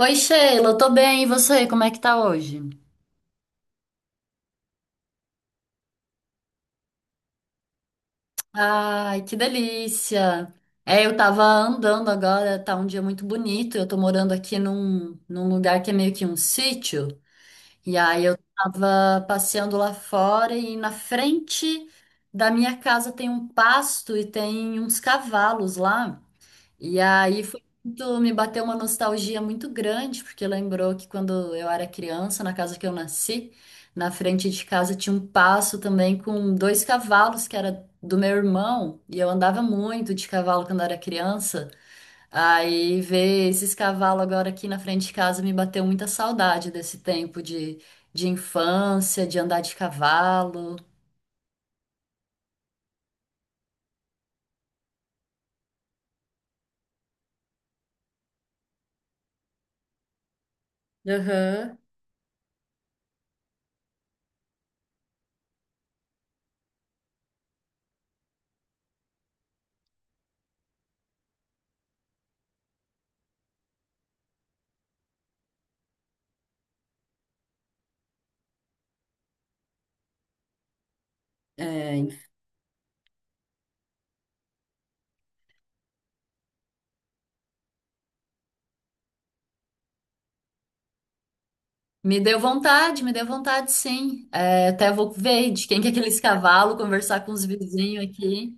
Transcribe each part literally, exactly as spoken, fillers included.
Oi, Sheila, tô bem, e você? Como é que tá hoje? Ai, que delícia! É, eu tava andando agora, tá um dia muito bonito. Eu tô morando aqui num, num lugar que é meio que um sítio, e aí eu tava passeando lá fora e na frente da minha casa tem um pasto e tem uns cavalos lá. E aí foi muito, me bateu uma nostalgia muito grande, porque lembrou que quando eu era criança, na casa que eu nasci, na frente de casa tinha um passo também com dois cavalos que era do meu irmão, e eu andava muito de cavalo quando era criança. Aí ver esses cavalos agora aqui na frente de casa me bateu muita saudade desse tempo de, de infância, de andar de cavalo. Aham. É, me deu vontade, me deu vontade, sim. É, até vou ver de quem que é aqueles cavalos, conversar com os vizinhos aqui.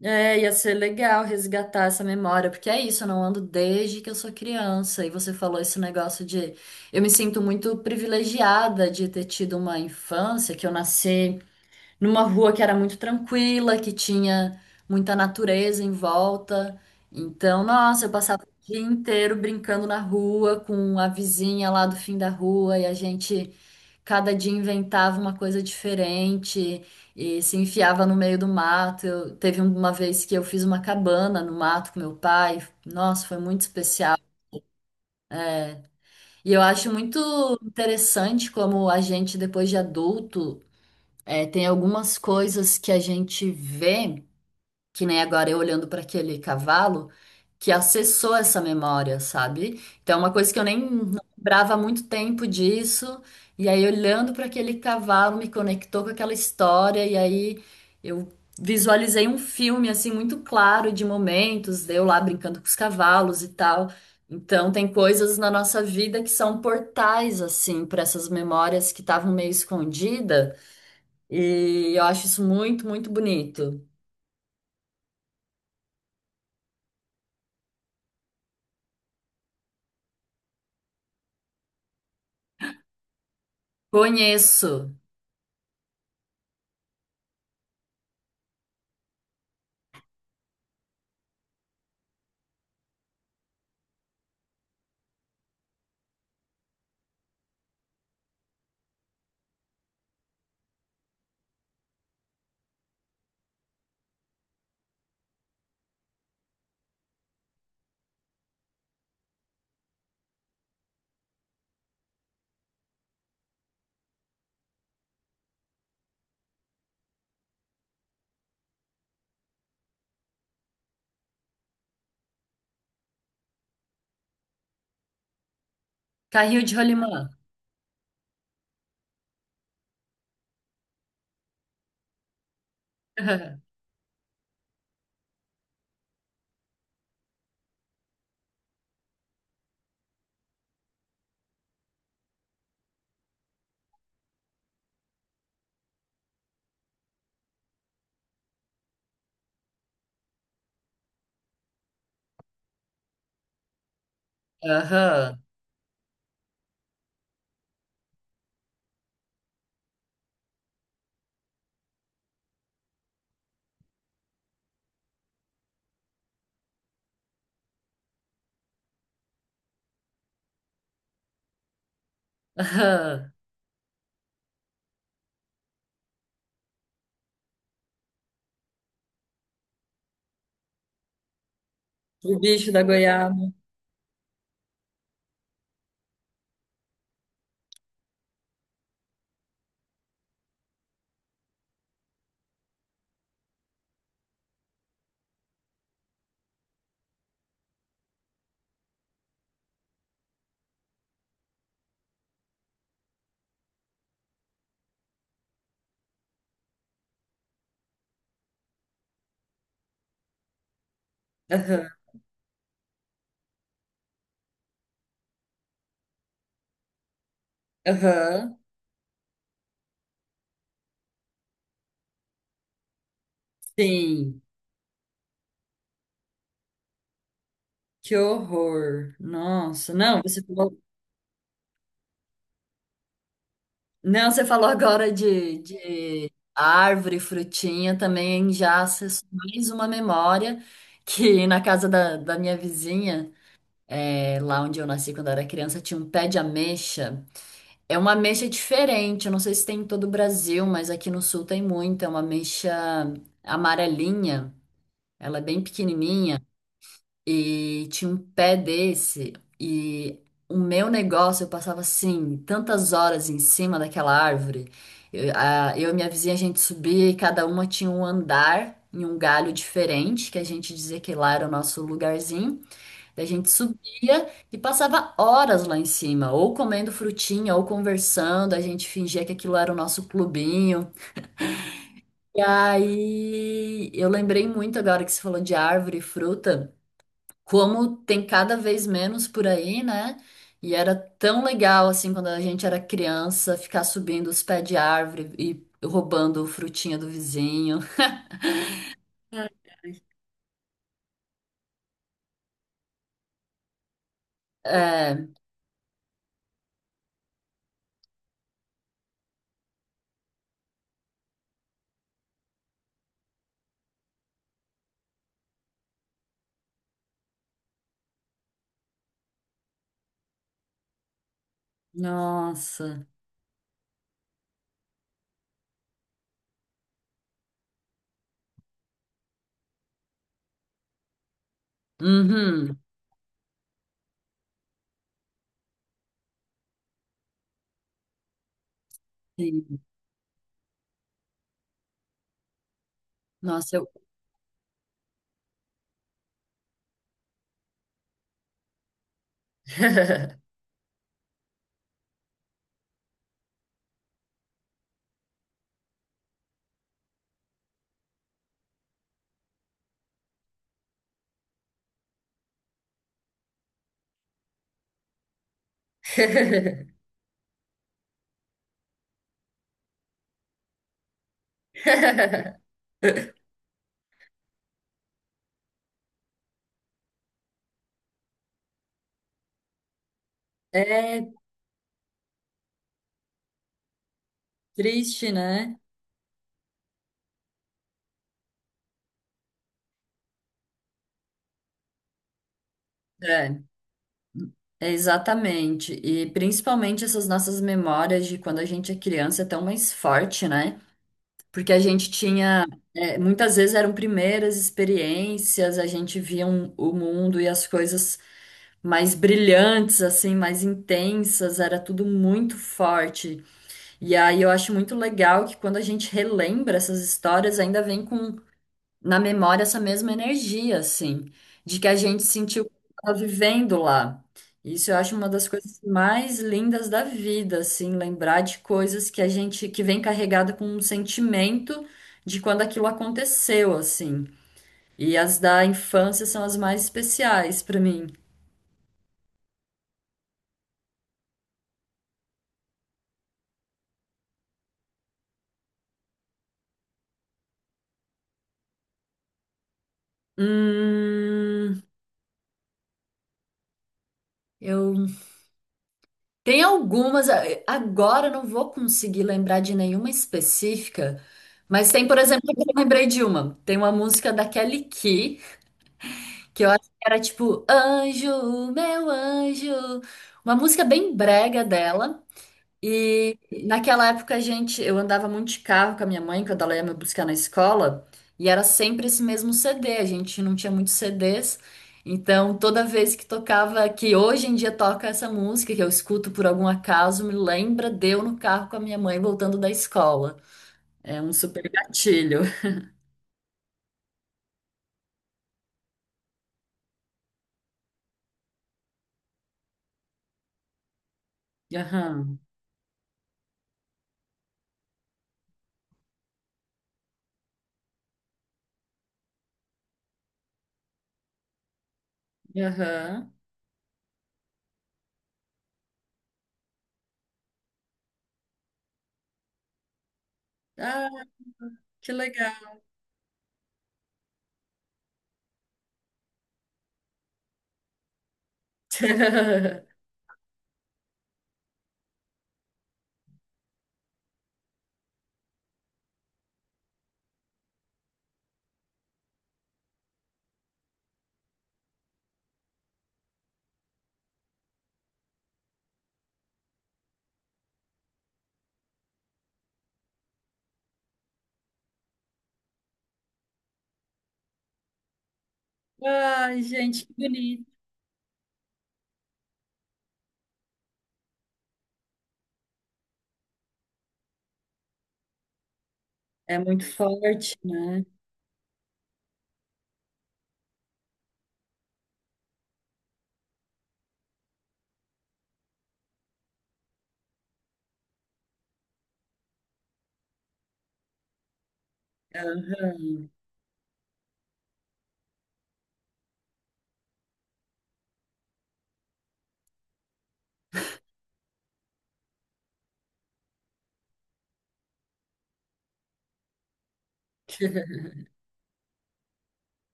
É, ia ser legal resgatar essa memória, porque é isso, eu não ando desde que eu sou criança. E você falou esse negócio de eu me sinto muito privilegiada de ter tido uma infância, que eu nasci numa rua que era muito tranquila, que tinha muita natureza em volta. Então, nossa, eu passava o dia inteiro brincando na rua com a vizinha lá do fim da rua e a gente cada dia inventava uma coisa diferente e se enfiava no meio do mato. Eu, teve uma vez que eu fiz uma cabana no mato com meu pai. Nossa, foi muito especial. E eu acho muito interessante como a gente, depois de adulto, eh, tem algumas coisas que a gente vê, que nem agora eu olhando para aquele cavalo que acessou essa memória, sabe? Então é uma coisa que eu nem não lembrava há muito tempo disso, e aí olhando para aquele cavalo me conectou com aquela história e aí eu visualizei um filme assim muito claro de momentos, de eu lá brincando com os cavalos e tal. Então tem coisas na nossa vida que são portais assim para essas memórias que estavam meio escondidas, e eu acho isso muito, muito bonito. Conheço. Carrinho de rolimã. Aham. Aham. Aham. O bicho da goiaba. Aham. Aham. Sim. Que horror. Nossa. Não, você falou. Não, você falou agora de, de árvore, frutinha, também já acessou mais uma memória, que na casa da, da minha vizinha, é, lá onde eu nasci quando eu era criança, tinha um pé de ameixa. É uma ameixa diferente, eu não sei se tem em todo o Brasil, mas aqui no sul tem muito. É uma ameixa amarelinha. Ela é bem pequenininha e tinha um pé desse e o meu negócio, eu passava assim tantas horas em cima daquela árvore. Eu, a- eu e minha vizinha, a gente subia e cada uma tinha um andar em um galho diferente, que a gente dizia que lá era o nosso lugarzinho. Daí a gente subia e passava horas lá em cima, ou comendo frutinha, ou conversando, a gente fingia que aquilo era o nosso clubinho. E aí eu lembrei muito agora que você falou de árvore e fruta como tem cada vez menos por aí, né? E era tão legal assim quando a gente era criança ficar subindo os pés de árvore e roubando frutinha do vizinho. É. Nossa. Uhum. Sim. Nossa, eu é triste, né? É, é exatamente. E principalmente essas nossas memórias de quando a gente é criança é tão mais forte, né? Porque a gente tinha, é, muitas vezes eram primeiras experiências, a gente via um- o mundo e as coisas mais brilhantes, assim, mais intensas, era tudo muito forte. E aí eu acho muito legal que quando a gente relembra essas histórias, ainda vem com na memória essa mesma energia, assim, de que a gente sentiu que estava vivendo lá. Isso eu acho uma das coisas mais lindas da vida, assim, lembrar de coisas que a gente que vem carregada com um sentimento de quando aquilo aconteceu, assim. E as da infância são as mais especiais para mim. Hum, eu tem algumas, a- agora eu não vou conseguir lembrar de nenhuma específica, mas tem, por exemplo, que eu lembrei de uma. Tem uma música da Kelly Key, que eu acho que era tipo Anjo, Meu Anjo. Uma música bem brega dela. E naquela época a gente, eu andava muito de carro com a minha mãe quando ela ia me buscar na escola, e era sempre esse mesmo C D, a gente não tinha muitos C Ds. Então, toda vez que tocava, que hoje em dia toca essa música que eu escuto por algum acaso, me lembra de eu no carro com a minha mãe voltando da escola. É um super gatilho. Aham. Aham. Ah, que legal. Ai, gente, que bonito. É muito forte, né? Aham.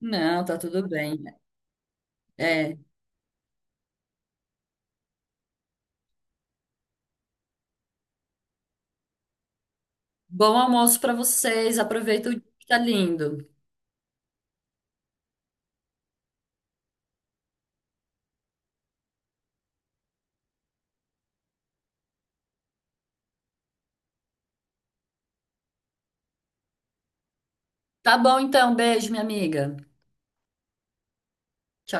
Não, tá tudo bem. É. Bom almoço para vocês. Aproveita o dia que tá lindo. Tá bom, então. Beijo, minha amiga. Tchau.